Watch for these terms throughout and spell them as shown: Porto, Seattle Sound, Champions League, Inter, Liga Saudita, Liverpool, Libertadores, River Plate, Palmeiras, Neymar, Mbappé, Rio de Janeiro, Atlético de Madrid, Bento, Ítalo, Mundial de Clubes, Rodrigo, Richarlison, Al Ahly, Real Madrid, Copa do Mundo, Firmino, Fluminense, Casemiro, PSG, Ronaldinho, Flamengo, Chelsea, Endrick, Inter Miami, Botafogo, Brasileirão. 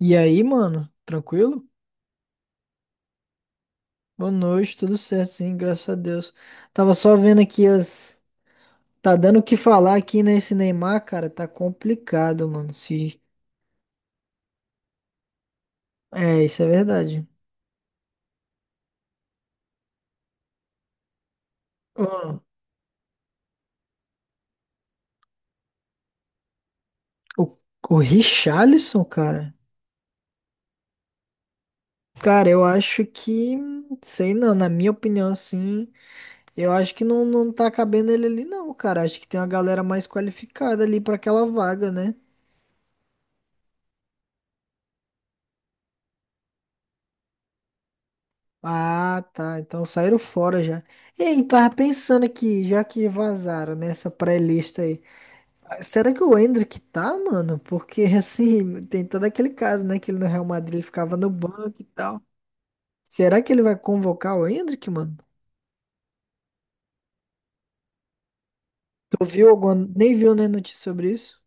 E aí, mano? Tranquilo? Boa noite, tudo certo, sim, graças a Deus. Tava só vendo aqui as. Tá dando o que falar aqui nesse Neymar, cara. Tá complicado, mano. Se... É, isso é verdade. Ó. O, o Richarlison, cara. Cara, eu acho que. Sei não, na minha opinião, sim. Eu acho que não, não tá cabendo ele ali, não, cara. Acho que tem uma galera mais qualificada ali pra aquela vaga, né? Ah, tá. Então saíram fora já. Ei, tava pensando aqui, já que vazaram nessa pré-lista aí. Será que o Endrick tá, mano? Porque assim, tem todo aquele caso, né? Que ele no Real Madrid ele ficava no banco e tal. Será que ele vai convocar o Endrick, mano? Tu viu alguma. Nem viu, né, notícia sobre isso?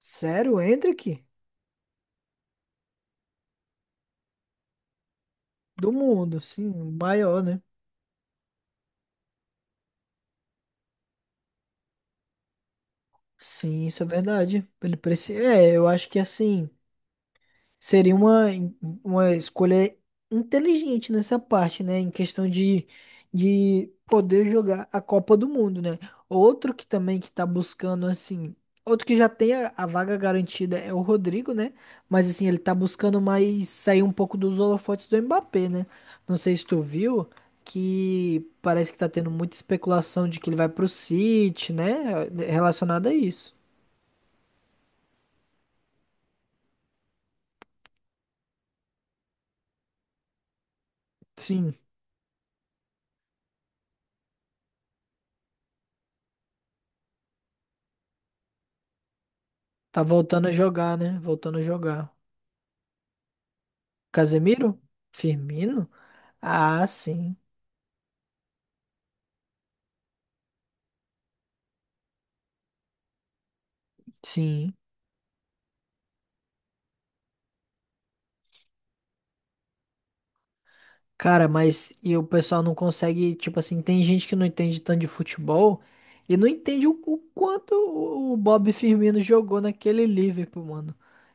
Sério, o Endrick? Do mundo, sim, o maior, né? Sim, isso é verdade. Ele precisa. É, eu acho que assim. Seria uma escolha inteligente nessa parte, né? Em questão de poder jogar a Copa do Mundo, né? Outro que também que tá buscando, assim, outro que já tem a vaga garantida é o Rodrigo, né? Mas assim, ele tá buscando mais sair um pouco dos holofotes do Mbappé, né? Não sei se tu viu que parece que tá tendo muita especulação de que ele vai pro City, né? Relacionada a isso. Sim, tá voltando a jogar, né? Voltando a jogar. Casemiro? Firmino? Ah, sim. Sim. Cara, mas e o pessoal não consegue, tipo assim, tem gente que não entende tanto de futebol e não entende o quanto o Bob Firmino jogou naquele Liverpool, mano.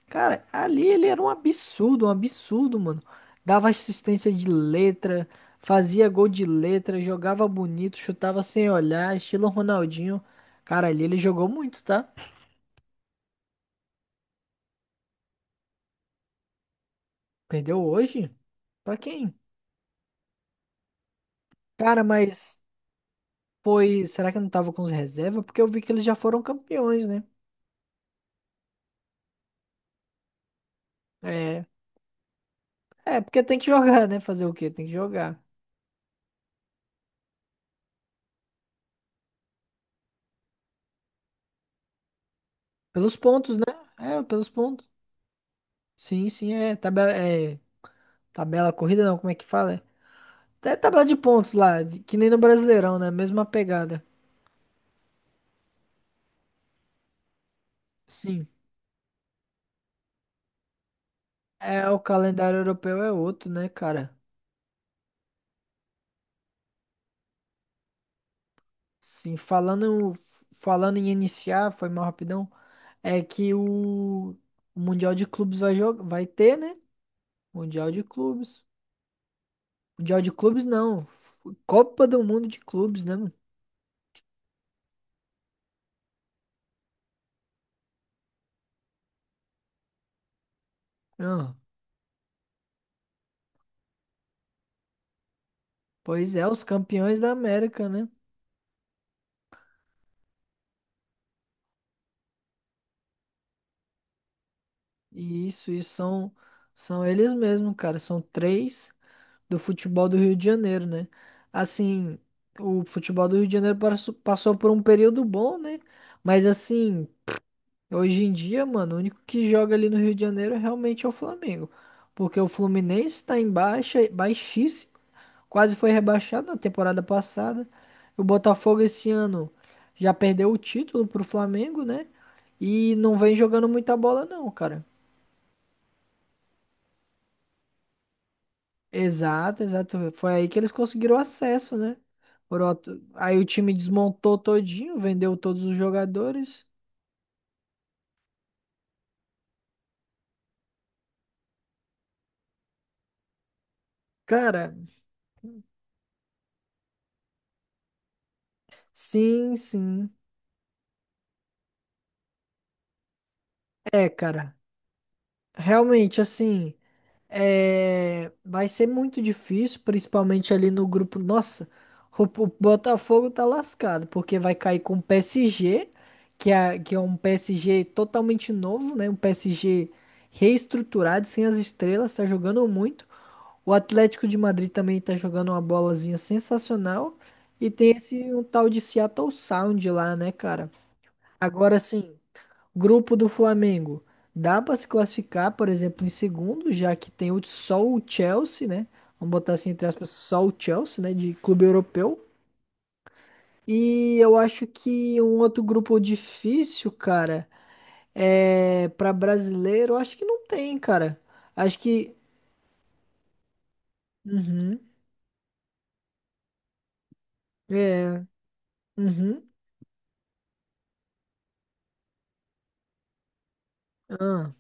Cara, ali ele era um absurdo, mano. Dava assistência de letra, fazia gol de letra, jogava bonito, chutava sem olhar, estilo Ronaldinho. Cara, ali ele jogou muito, tá? Perdeu hoje? Pra quem? Cara, mas foi. Será que eu não tava com os reservas porque eu vi que eles já foram campeões, né? É. É, porque tem que jogar, né? Fazer o quê? Tem que jogar. Pelos pontos, né? É, pelos pontos. Sim, sim, é. Tabela, é, tabela corrida, não, como é que fala? É. Até tabela de pontos lá, de- que nem no Brasileirão, né? Mesma pegada. Sim. É, o calendário europeu é outro, né, cara? Sim, falando em iniciar, foi mal rapidão. É que o Mundial de Clubes vai, jogar vai ter, né? Mundial de Clubes. Mundial de clubes, não. F- Copa do Mundo de clubes, né, mano? Ah, pois é, os campeões da América, né? E isso são, eles mesmos, cara. São três do futebol do Rio de Janeiro, né? Assim, o futebol do Rio de Janeiro passou por um período bom, né? Mas assim, hoje em dia, mano, o único que joga ali no Rio de Janeiro realmente é o Flamengo. Porque o Fluminense tá em baixa, baixíssimo. Quase foi rebaixado na temporada passada. O Botafogo esse ano já perdeu o título pro Flamengo, né? E não vem jogando muita bola, não, cara. Exato, exato. Foi aí que eles conseguiram acesso, né? Por outro- Aí o time desmontou todinho, vendeu todos os jogadores. Cara, sim, sim. É, cara. Realmente, assim. É, vai ser muito difícil, principalmente ali no grupo. Nossa, o Botafogo tá lascado, porque vai cair com o PSG, que é um PSG totalmente novo, né? Um PSG reestruturado, sem as estrelas, tá jogando muito. O Atlético de Madrid também tá jogando uma bolazinha sensacional. E tem esse um tal de Seattle Sound lá, né, cara? Agora sim. Grupo do Flamengo. Dá para se classificar, por exemplo, em segundo, já que tem o- só o Chelsea, né? Vamos botar assim, entre aspas, só o Chelsea, né? De clube europeu. E eu acho que um outro grupo difícil, cara, é para brasileiro, eu acho que não tem, cara. Acho que. Uhum. É. Uhum. Ah.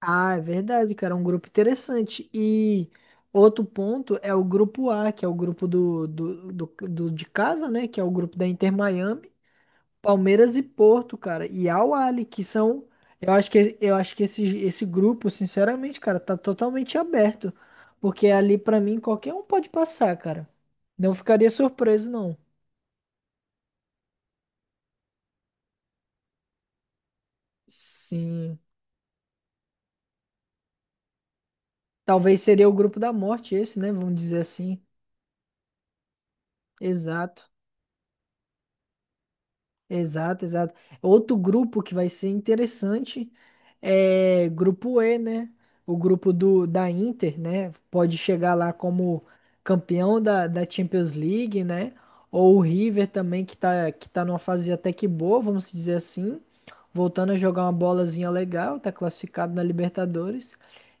Ah, é verdade, cara. É um grupo interessante. E outro ponto é o grupo A, que é o grupo do de casa, né? Que é o grupo da Inter Miami, Palmeiras e Porto, cara. E Al Ahly, que são. Eu acho que esse grupo, sinceramente, cara, tá totalmente aberto. Porque ali, pra mim, qualquer um pode passar, cara. Não ficaria surpreso, não. Sim. Talvez seria o grupo da morte, esse, né? Vamos dizer assim. Exato. Exato, exato. Outro grupo que vai ser interessante é grupo E, né? O grupo do, da Inter, né? Pode chegar lá como campeão da Champions League, né? Ou o River também, que tá numa fase até que boa, vamos dizer assim. Voltando a jogar uma bolazinha legal, tá classificado na Libertadores.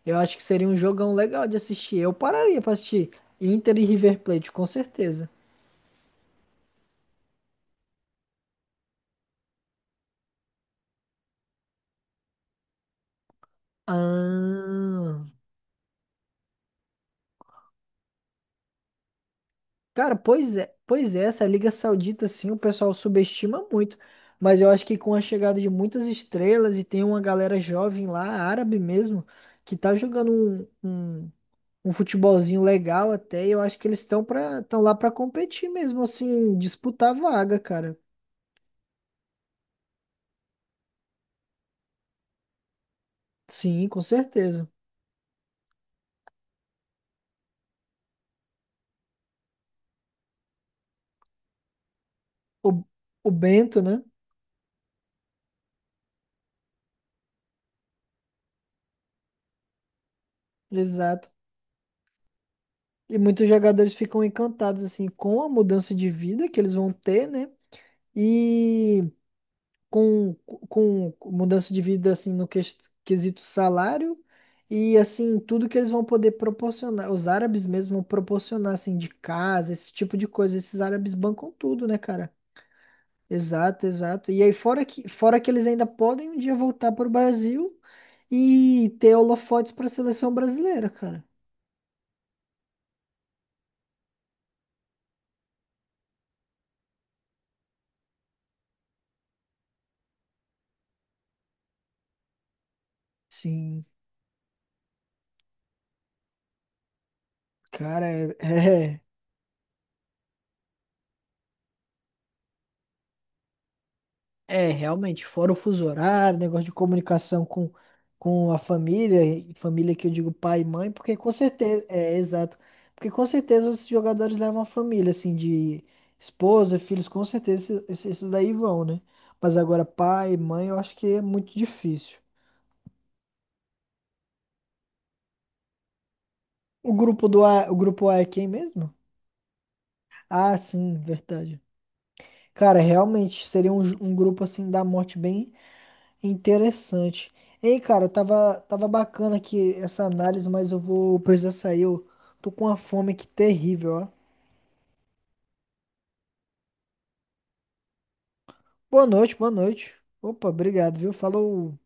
Eu acho que seria um jogão legal de assistir. Eu pararia pra assistir Inter e River Plate, com certeza. Ah. Cara, pois é, essa Liga Saudita, sim, o pessoal subestima muito. Mas eu acho que com a chegada de muitas estrelas e tem uma galera jovem lá, árabe mesmo, que tá jogando um, um, um futebolzinho legal até, e eu acho que eles estão para estão lá para competir mesmo, assim, disputar vaga, cara. Sim, com certeza. O, o Bento, né? Exato. E muitos jogadores ficam encantados, assim, com a mudança de vida que eles vão ter, né? E com, com mudança de vida assim no quesito salário e assim tudo que eles vão poder proporcionar, os árabes mesmo vão proporcionar assim de casa, esse tipo de coisa, esses árabes bancam tudo, né, cara? Exato, exato. E aí fora que eles ainda podem um dia voltar pro Brasil e ter holofotes para a seleção brasileira, cara. Sim, cara, é, É, realmente, fora o fuso horário, negócio de comunicação com a família, e família que eu digo pai e mãe, porque com certeza, é, exato, porque com certeza os jogadores levam a família, assim, de esposa, filhos, com certeza esses daí vão, né? Mas agora pai, mãe, eu acho que é muito difícil. O grupo A é quem mesmo? Ah, sim, verdade. Cara, realmente, seria um grupo, assim, da morte bem interessante. Ei, cara, tava bacana aqui essa análise, mas eu vou precisar sair. Eu tô com uma fome aqui terrível, ó. Boa noite, boa noite. Opa, obrigado, viu? Falou.